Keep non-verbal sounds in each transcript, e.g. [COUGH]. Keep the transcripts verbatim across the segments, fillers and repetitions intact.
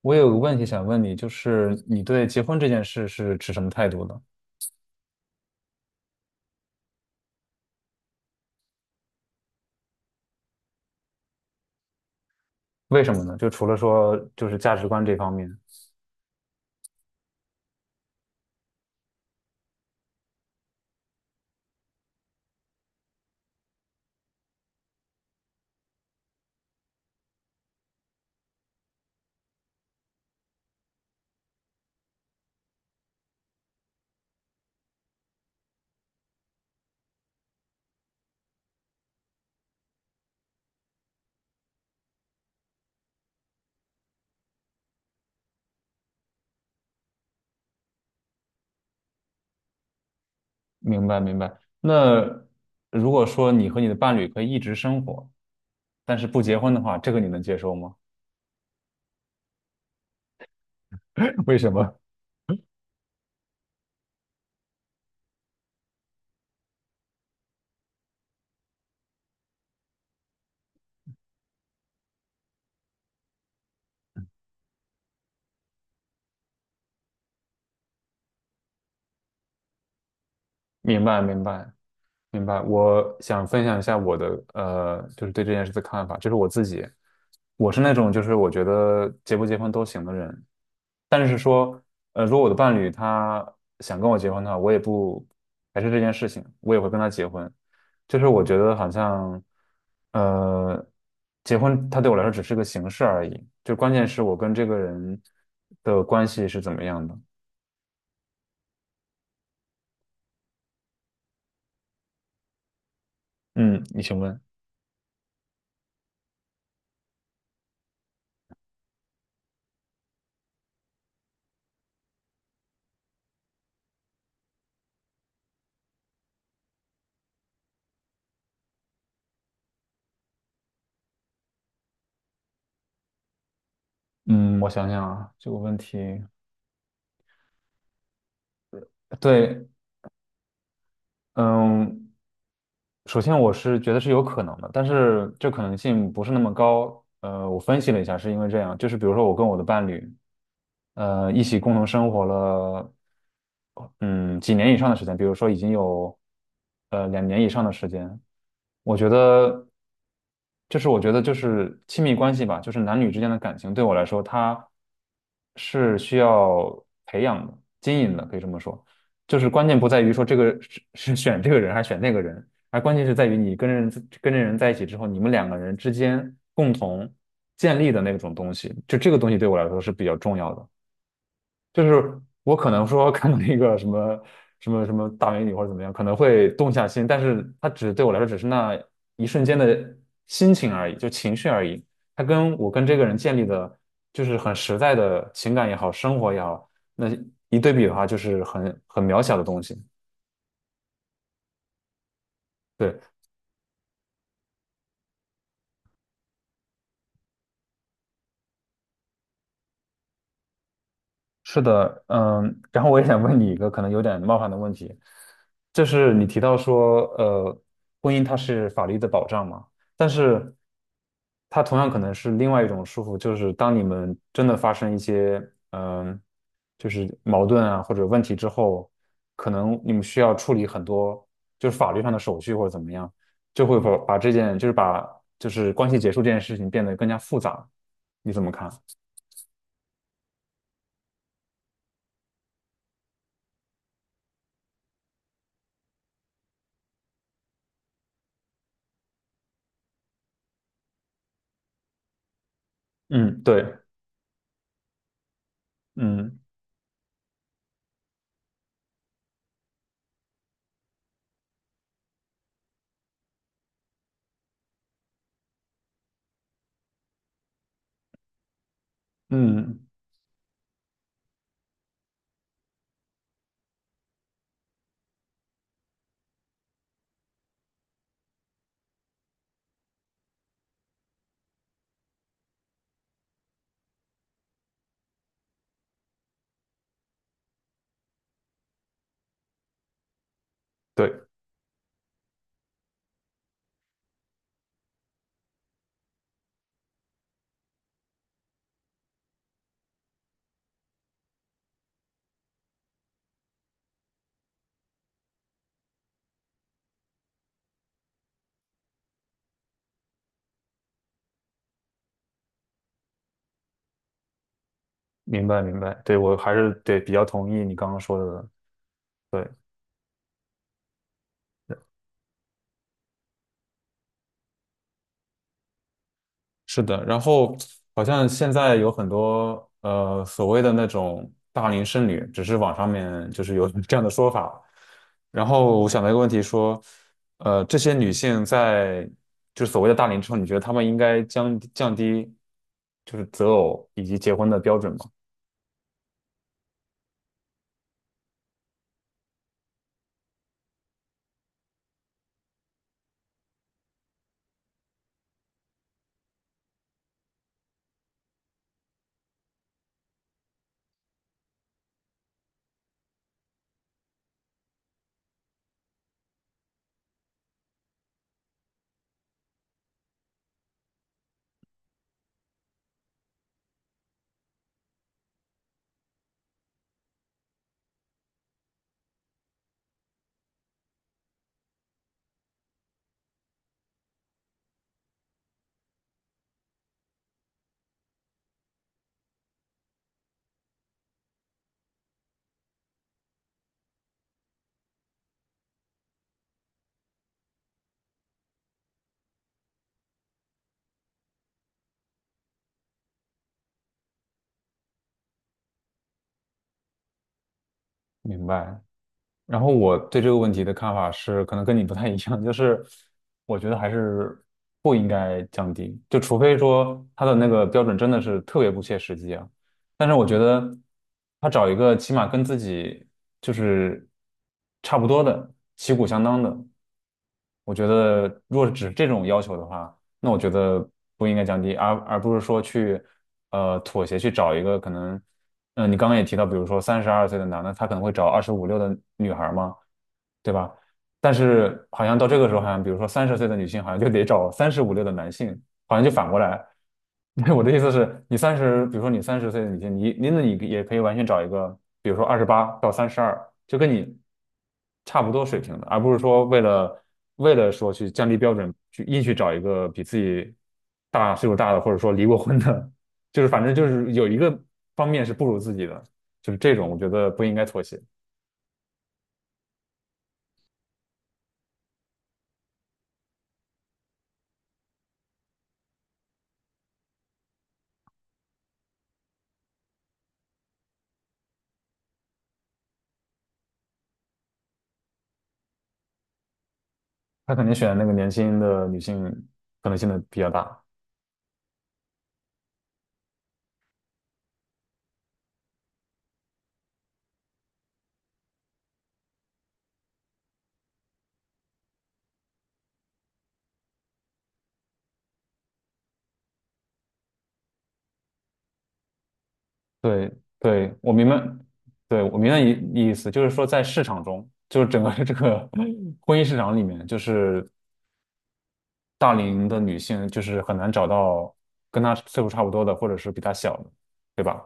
我有个问题想问你，就是你对结婚这件事是持什么态度的？为什么呢？就除了说就是价值观这方面，明白明白。那如果说你和你的伴侣可以一直生活，但是不结婚的话，这个你能接受吗？[LAUGHS] 为什么？明白明白明白。我想分享一下我的呃，就是对这件事的看法，就是我自己，我是那种就是我觉得结不结婚都行的人，但是说，呃，如果我的伴侣他想跟我结婚的话，我也不排斥这件事情，我也会跟他结婚。就是我觉得好像，呃，结婚它对我来说只是个形式而已，就关键是我跟这个人的关系是怎么样的。嗯，你请问。嗯，我想想啊，这个问题，对，嗯，首先我是觉得是有可能的，但是这可能性不是那么高。呃，我分析了一下，是因为这样，就是比如说我跟我的伴侣。呃，一起共同生活了，嗯，几年以上的时间，比如说已经有呃两年以上的时间，我觉得，就是我觉得就是亲密关系吧，就是男女之间的感情，对我来说，它是需要培养的、经营的，可以这么说。就是关键不在于说这个是是选这个人还是选那个人，而关键是在于你跟人跟这人在一起之后，你们两个人之间共同建立的那种东西，就这个东西对我来说是比较重要的。就是我可能说看到一个什么什么什么大美女或者怎么样，可能会动下心，但是它只对我来说只是那一瞬间的心情而已，就情绪而已。它跟我跟这个人建立的，就是很实在的情感也好，生活也好，那一对比的话，就是很很渺小的东西。对。是的，嗯，然后我也想问你一个可能有点冒犯的问题，就是你提到说，呃，婚姻它是法律的保障嘛，但是它同样可能是另外一种束缚，就是当你们真的发生一些，嗯，就是矛盾啊或者问题之后，可能你们需要处理很多就是法律上的手续或者怎么样，就会把把这件就是把就是关系结束这件事情变得更加复杂，你怎么看？嗯，对，嗯嗯。对，明白明白，对我还是对比较同意你刚刚说的，对，是的。然后好像现在有很多呃所谓的那种大龄剩女，只是网上面就是有 [LAUGHS] 这样的说法。然后我想到一个问题说，呃，这些女性在就是所谓的大龄之后，你觉得她们应该降降低就是择偶以及结婚的标准吗？明白。然后我对这个问题的看法是，可能跟你不太一样，就是我觉得还是不应该降低，就除非说他的那个标准真的是特别不切实际啊。但是我觉得他找一个起码跟自己就是差不多的、旗鼓相当的，我觉得若果只是这种要求的话，那我觉得不应该降低，而而不是说去呃妥协去找一个可能。嗯，你刚刚也提到，比如说三十二岁的男的，他可能会找二十五六的女孩儿嘛，对吧？但是好像到这个时候，好像比如说三十岁的女性，好像就得找三十五六的男性，好像就反过来。[LAUGHS] 我的意思是，你三十，比如说你三十岁的女性，你你那你也可以完全找一个，比如说二十八到三十二，就跟你差不多水平的，而不是说为了为了说去降低标准，去硬去找一个比自己大岁数大的，或者说离过婚的，就是反正就是有一个方面是不如自己的，就是这种我觉得不应该妥协。他肯定选那个年轻的女性，可能性的比较大。对，对，我明白，对，我明白意意思，就是说在市场中，就是整个这个婚姻市场里面，就是大龄的女性就是很难找到跟她岁数差不多的，或者是比她小的，对吧？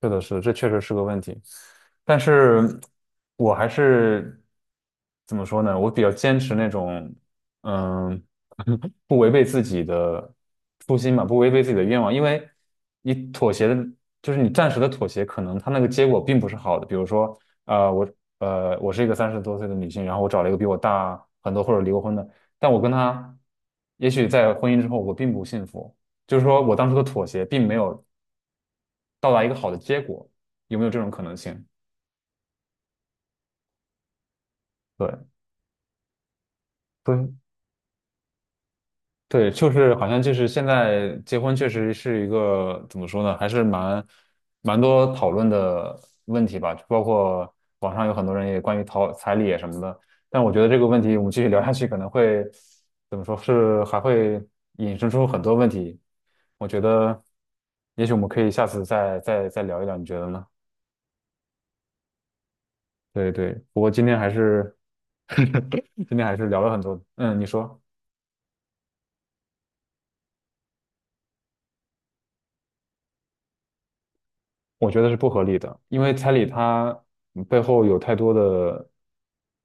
是的，是的，这确实是个问题。但是我还是怎么说呢？我比较坚持那种，嗯，[LAUGHS] 不违背自己的初心嘛，不违背自己的愿望。因为你妥协的，就是你暂时的妥协，可能他那个结果并不是好的。比如说，呃，我呃，我是一个三十多岁的女性，然后我找了一个比我大很多或者离过婚的，但我跟他，也许在婚姻之后我并不幸福。就是说我当初的妥协并没有到达一个好的结果，有没有这种可能性？对，对，对，就是好像就是现在结婚确实是一个怎么说呢，还是蛮蛮多讨论的问题吧，包括网上有很多人也关于讨彩礼啊什么的，但我觉得这个问题我们继续聊下去可能会怎么说是还会引申出很多问题，我觉得也许我们可以下次再再再聊一聊，你觉得呢？对对，不过今天还是 [LAUGHS] 今天还是聊了很多，嗯，你说。我觉得是不合理的，因为彩礼它背后有太多的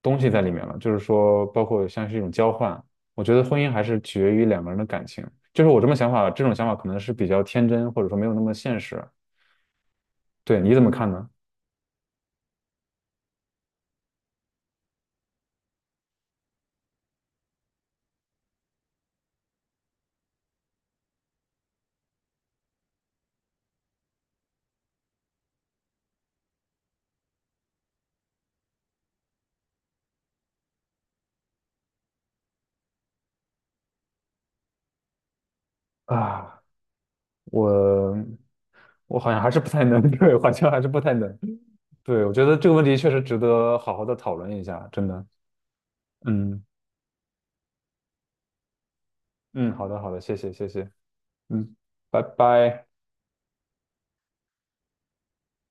东西在里面了，就是说，包括像是一种交换。我觉得婚姻还是取决于两个人的感情，就是我这么想法，这种想法可能是比较天真，或者说没有那么现实。对，你怎么看呢？啊，我我好像还是不太能，[LAUGHS] 对，好像还是不太能。对，我觉得这个问题确实值得好好的讨论一下，真的。嗯嗯，好的好的，谢谢谢谢，嗯，拜拜。